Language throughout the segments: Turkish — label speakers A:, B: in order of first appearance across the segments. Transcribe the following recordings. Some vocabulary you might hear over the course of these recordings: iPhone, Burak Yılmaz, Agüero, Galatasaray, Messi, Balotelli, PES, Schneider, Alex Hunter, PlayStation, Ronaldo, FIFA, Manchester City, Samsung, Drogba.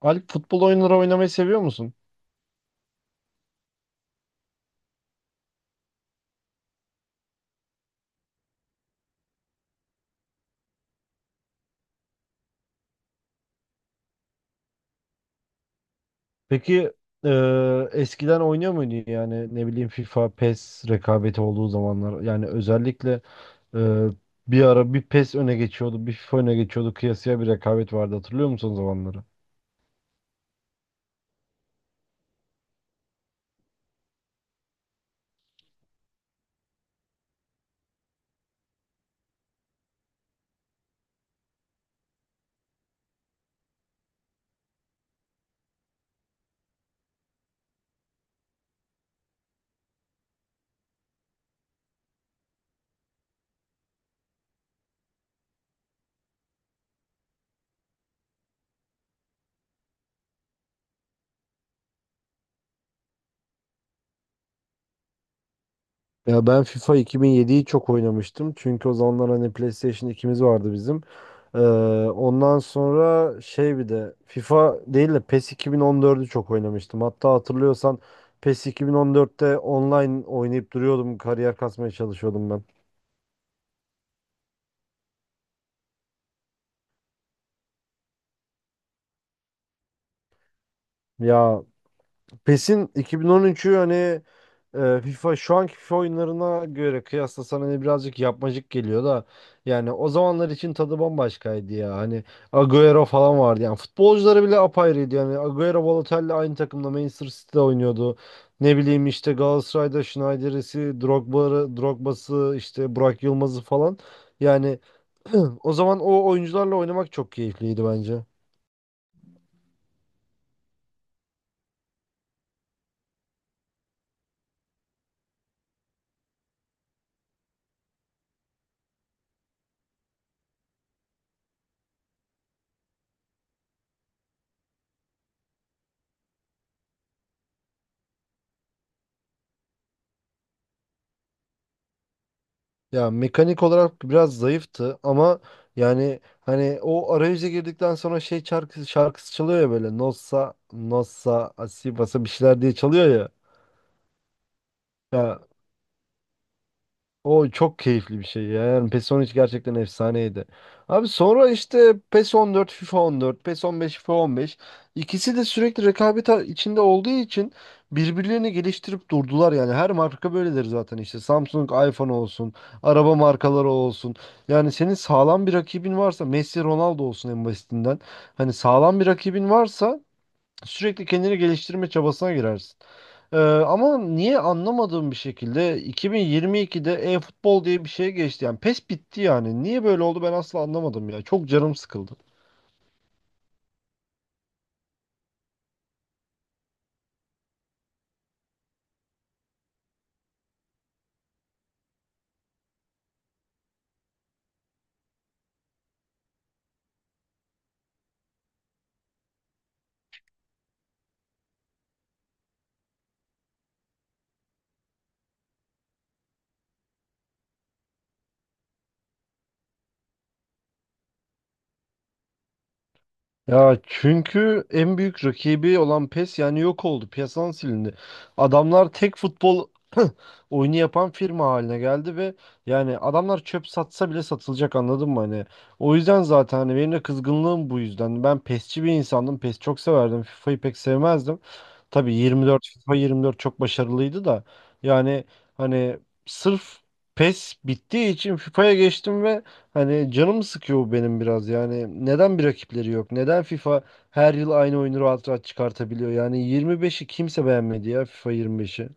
A: Alp futbol oyunları oynamayı seviyor musun? Peki eskiden oynuyor muydun yani ne bileyim FIFA, PES rekabeti olduğu zamanlar yani özellikle eee, bir ara bir PES öne geçiyordu bir FIFA öne geçiyordu kıyasıya bir rekabet vardı hatırlıyor musun o zamanları? Ya ben FIFA 2007'yi çok oynamıştım. Çünkü o zamanlar hani PlayStation ikimiz vardı bizim. Ee, Ondan sonra şey bir de FIFA değil de PES 2014'ü çok oynamıştım. Hatta hatırlıyorsan PES 2014'te online oynayıp duruyordum. Kariyer kasmaya çalışıyordum ben. Ya PES'in 2013'ü hani FIFA şu anki FIFA oyunlarına göre kıyaslasan hani birazcık yapmacık geliyor da yani o zamanlar için tadı bambaşkaydı ya. Hani Agüero falan vardı. Yani futbolcuları bile apayrıydı. Yani Agüero Balotelli aynı takımda Manchester City'de oynuyordu. Ne bileyim işte Galatasaray'da Schneider'isi, Drogba'sı, işte Burak Yılmaz'ı falan. Yani o zaman o oyuncularla oynamak çok keyifliydi bence. Ya mekanik olarak biraz zayıftı ama yani hani o arayüze girdikten sonra şey şarkısı çalıyor ya böyle Nossa Nossa Asibasa bir şeyler diye çalıyor ya. Ya o çok keyifli bir şey ya. Yani PES 13 gerçekten efsaneydi. Abi sonra işte PES 14, FIFA 14, PES 15, FIFA 15. İkisi de sürekli rekabet içinde olduğu için birbirlerini geliştirip durdular yani. Her marka böyledir zaten işte. Samsung, iPhone olsun, araba markaları olsun. Yani senin sağlam bir rakibin varsa, Messi, Ronaldo olsun en basitinden. Hani sağlam bir rakibin varsa sürekli kendini geliştirme çabasına girersin. Ama niye anlamadığım bir şekilde 2022'de e-futbol diye bir şey geçti. Yani PES bitti yani. Niye böyle oldu ben asla anlamadım ya. Çok canım sıkıldı. Ya çünkü en büyük rakibi olan PES yani yok oldu. Piyasadan silindi. Adamlar tek futbol oyunu yapan firma haline geldi ve yani adamlar çöp satsa bile satılacak anladın mı hani? O yüzden zaten hani benim de kızgınlığım bu yüzden. Ben PES'çi bir insandım. PES çok severdim. FIFA'yı pek sevmezdim. Tabii 24, FIFA 24 çok başarılıydı da yani hani sırf PES bittiği için FIFA'ya geçtim ve hani canımı sıkıyor bu benim biraz yani neden bir rakipleri yok? Neden FIFA her yıl aynı oyunu rahat rahat çıkartabiliyor? Yani 25'i kimse beğenmedi ya, FIFA 25'i.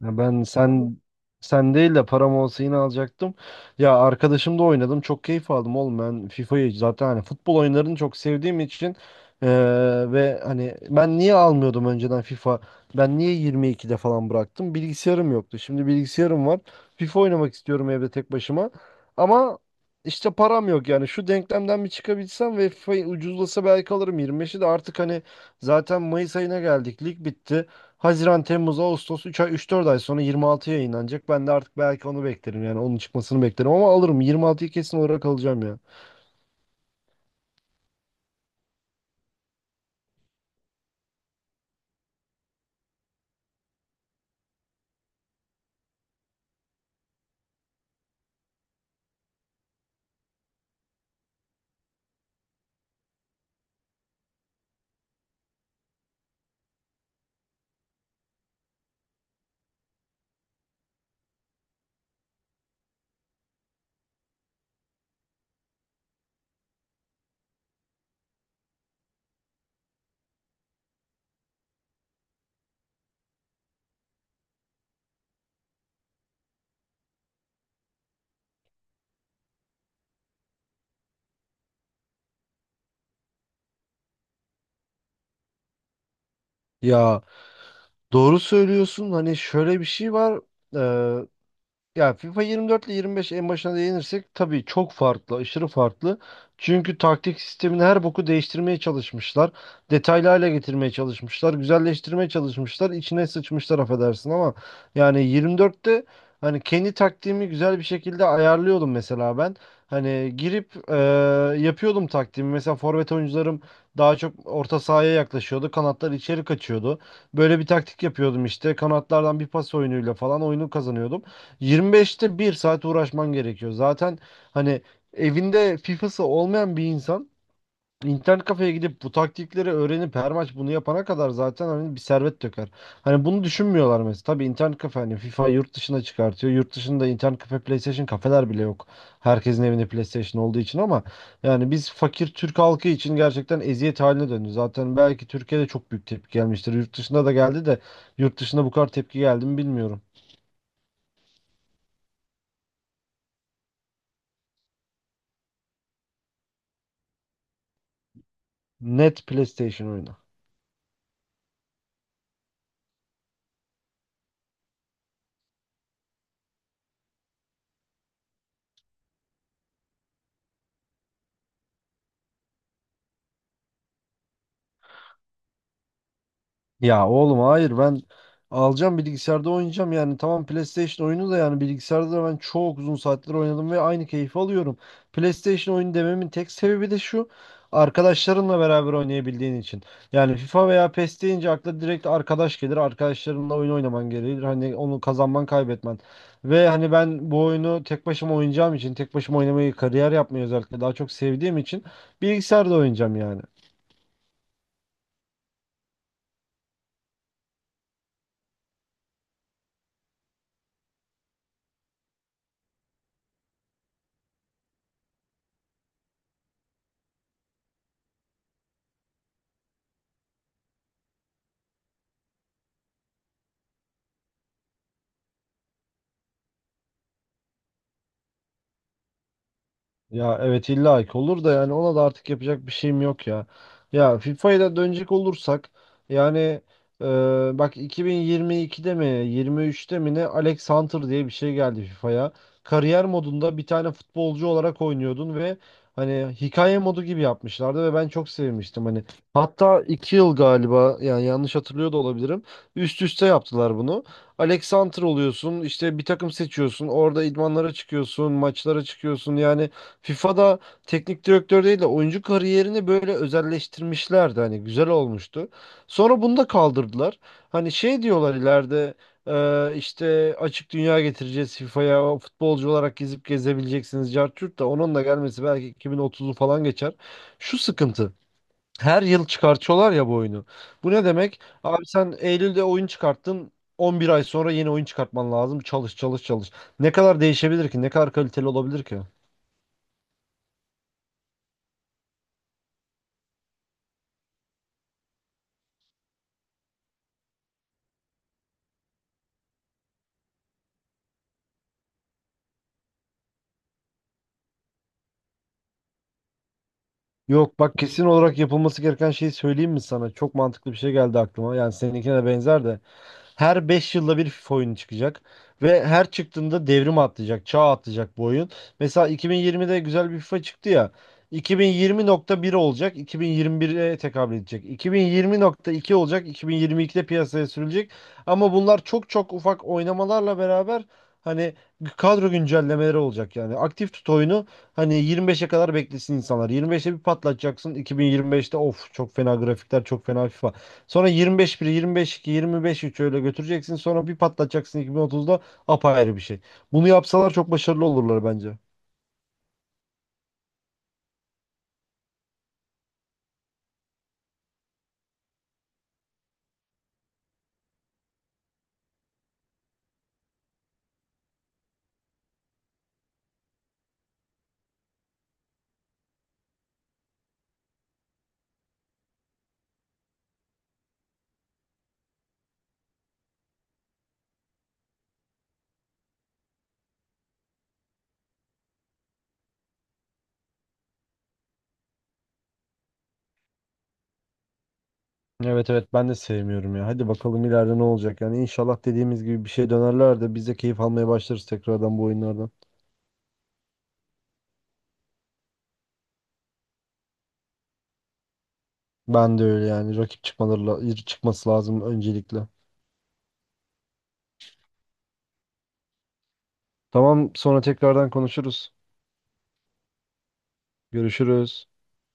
A: Ya ben sen değil de param olsa yine alacaktım. Ya arkadaşımla oynadım. Çok keyif aldım oğlum. Ben FIFA'yı zaten hani futbol oyunlarını çok sevdiğim için eee, ve hani ben niye almıyordum önceden FIFA? Ben niye 22'de falan bıraktım? Bilgisayarım yoktu. Şimdi bilgisayarım var. FIFA oynamak istiyorum evde tek başıma. Ama işte param yok yani. Şu denklemden bir çıkabilsem ve FIFA ucuzlasa belki alırım. 25'i de artık hani zaten Mayıs ayına geldik. Lig bitti. Haziran, Temmuz, Ağustos 3 ay üç dört ay sonra 26 yayınlanacak. Ben de artık belki onu beklerim yani onun çıkmasını beklerim ama alırım 26'yı kesin olarak alacağım ya. Ya doğru söylüyorsun hani şöyle bir şey var. Ee, Ya FIFA 24 ile 25 en başına değinirsek tabii çok farklı, aşırı farklı. Çünkü taktik sistemini her boku değiştirmeye çalışmışlar. Detaylı hale getirmeye çalışmışlar. Güzelleştirmeye çalışmışlar. İçine sıçmışlar affedersin ama yani 24'te hani kendi taktiğimi güzel bir şekilde ayarlıyordum mesela ben. Hani girip yapıyordum taktiğimi. Mesela forvet oyuncularım daha çok orta sahaya yaklaşıyordu. Kanatlar içeri kaçıyordu. Böyle bir taktik yapıyordum işte. Kanatlardan bir pas oyunuyla falan oyunu kazanıyordum. 25'te 1 saat uğraşman gerekiyor. Zaten hani evinde FIFA'sı olmayan bir insan internet kafeye gidip bu taktikleri öğrenip her maç bunu yapana kadar zaten hani bir servet döker. Hani bunu düşünmüyorlar mesela. Tabii internet kafe hani FIFA yurt dışına çıkartıyor. Yurt dışında internet kafe PlayStation kafeler bile yok. Herkesin evinde PlayStation olduğu için ama yani biz fakir Türk halkı için gerçekten eziyet haline döndü. Zaten belki Türkiye'de çok büyük tepki gelmiştir. Yurt dışında da geldi de yurt dışında bu kadar tepki geldi mi bilmiyorum. Net PlayStation oyunu. Ya oğlum hayır ben alacağım bilgisayarda oynayacağım yani tamam PlayStation oyunu da yani bilgisayarda da ben çok uzun saatler oynadım ve aynı keyfi alıyorum. PlayStation oyunu dememin tek sebebi de şu, arkadaşlarınla beraber oynayabildiğin için. Yani FIFA veya PES deyince akla direkt arkadaş gelir arkadaşlarınla oyun oynaman gerekir hani onu kazanman kaybetmen. Ve hani ben bu oyunu tek başıma oynayacağım için tek başıma oynamayı kariyer yapmayı özellikle daha çok sevdiğim için bilgisayarda oynayacağım yani. Ya evet illa ki olur da yani ona da artık yapacak bir şeyim yok ya. Ya FIFA'ya da dönecek olursak yani e, bak 2022'de mi 23'te mi ne Alex Hunter diye bir şey geldi FIFA'ya. Kariyer modunda bir tane futbolcu olarak oynuyordun ve hani hikaye modu gibi yapmışlardı ve ben çok sevmiştim hani. Hatta 2 yıl galiba yani yanlış hatırlıyor da olabilirim. Üst üste yaptılar bunu. Alex Hunter oluyorsun işte bir takım seçiyorsun orada idmanlara çıkıyorsun maçlara çıkıyorsun yani FIFA'da teknik direktör değil de oyuncu kariyerini böyle özelleştirmişlerdi. Hani güzel olmuştu. Sonra bunu da kaldırdılar. Hani şey diyorlar ileride işte açık dünya getireceğiz FIFA'ya. O futbolcu olarak gezip gezebileceksiniz. Cartürt de onun da gelmesi belki 2030'u falan geçer. Şu sıkıntı. Her yıl çıkartıyorlar ya bu oyunu. Bu ne demek? Abi sen Eylül'de oyun çıkarttın. 11 ay sonra yeni oyun çıkartman lazım. Çalış çalış çalış. Ne kadar değişebilir ki? Ne kadar kaliteli olabilir ki? Yok bak kesin olarak yapılması gereken şeyi söyleyeyim mi sana? Çok mantıklı bir şey geldi aklıma. Yani seninkine de benzer de. Her 5 yılda bir FIFA oyunu çıkacak. Ve her çıktığında devrim atlayacak, çağ atlayacak bu oyun. Mesela 2020'de güzel bir FIFA çıktı ya. 2020.1 olacak, 2021'e tekabül edecek. 2020.2 olacak, 2022'de piyasaya sürülecek. Ama bunlar çok çok ufak oynamalarla beraber hani kadro güncellemeleri olacak yani. Aktif tut oyunu. Hani 25'e kadar beklesin insanlar. 25'e bir patlatacaksın. 2025'te of çok fena grafikler, çok fena FIFA. Sonra 25 1, 25 2, 25 3 öyle götüreceksin. Sonra bir patlatacaksın 2030'da apayrı bir şey. Bunu yapsalar çok başarılı olurlar bence. Evet evet ben de sevmiyorum ya. Hadi bakalım ileride ne olacak. Yani inşallah dediğimiz gibi bir şey dönerler de biz de keyif almaya başlarız tekrardan bu oyunlardan. Ben de öyle yani. Rakip çıkması lazım öncelikle. Tamam sonra tekrardan konuşuruz. Görüşürüz.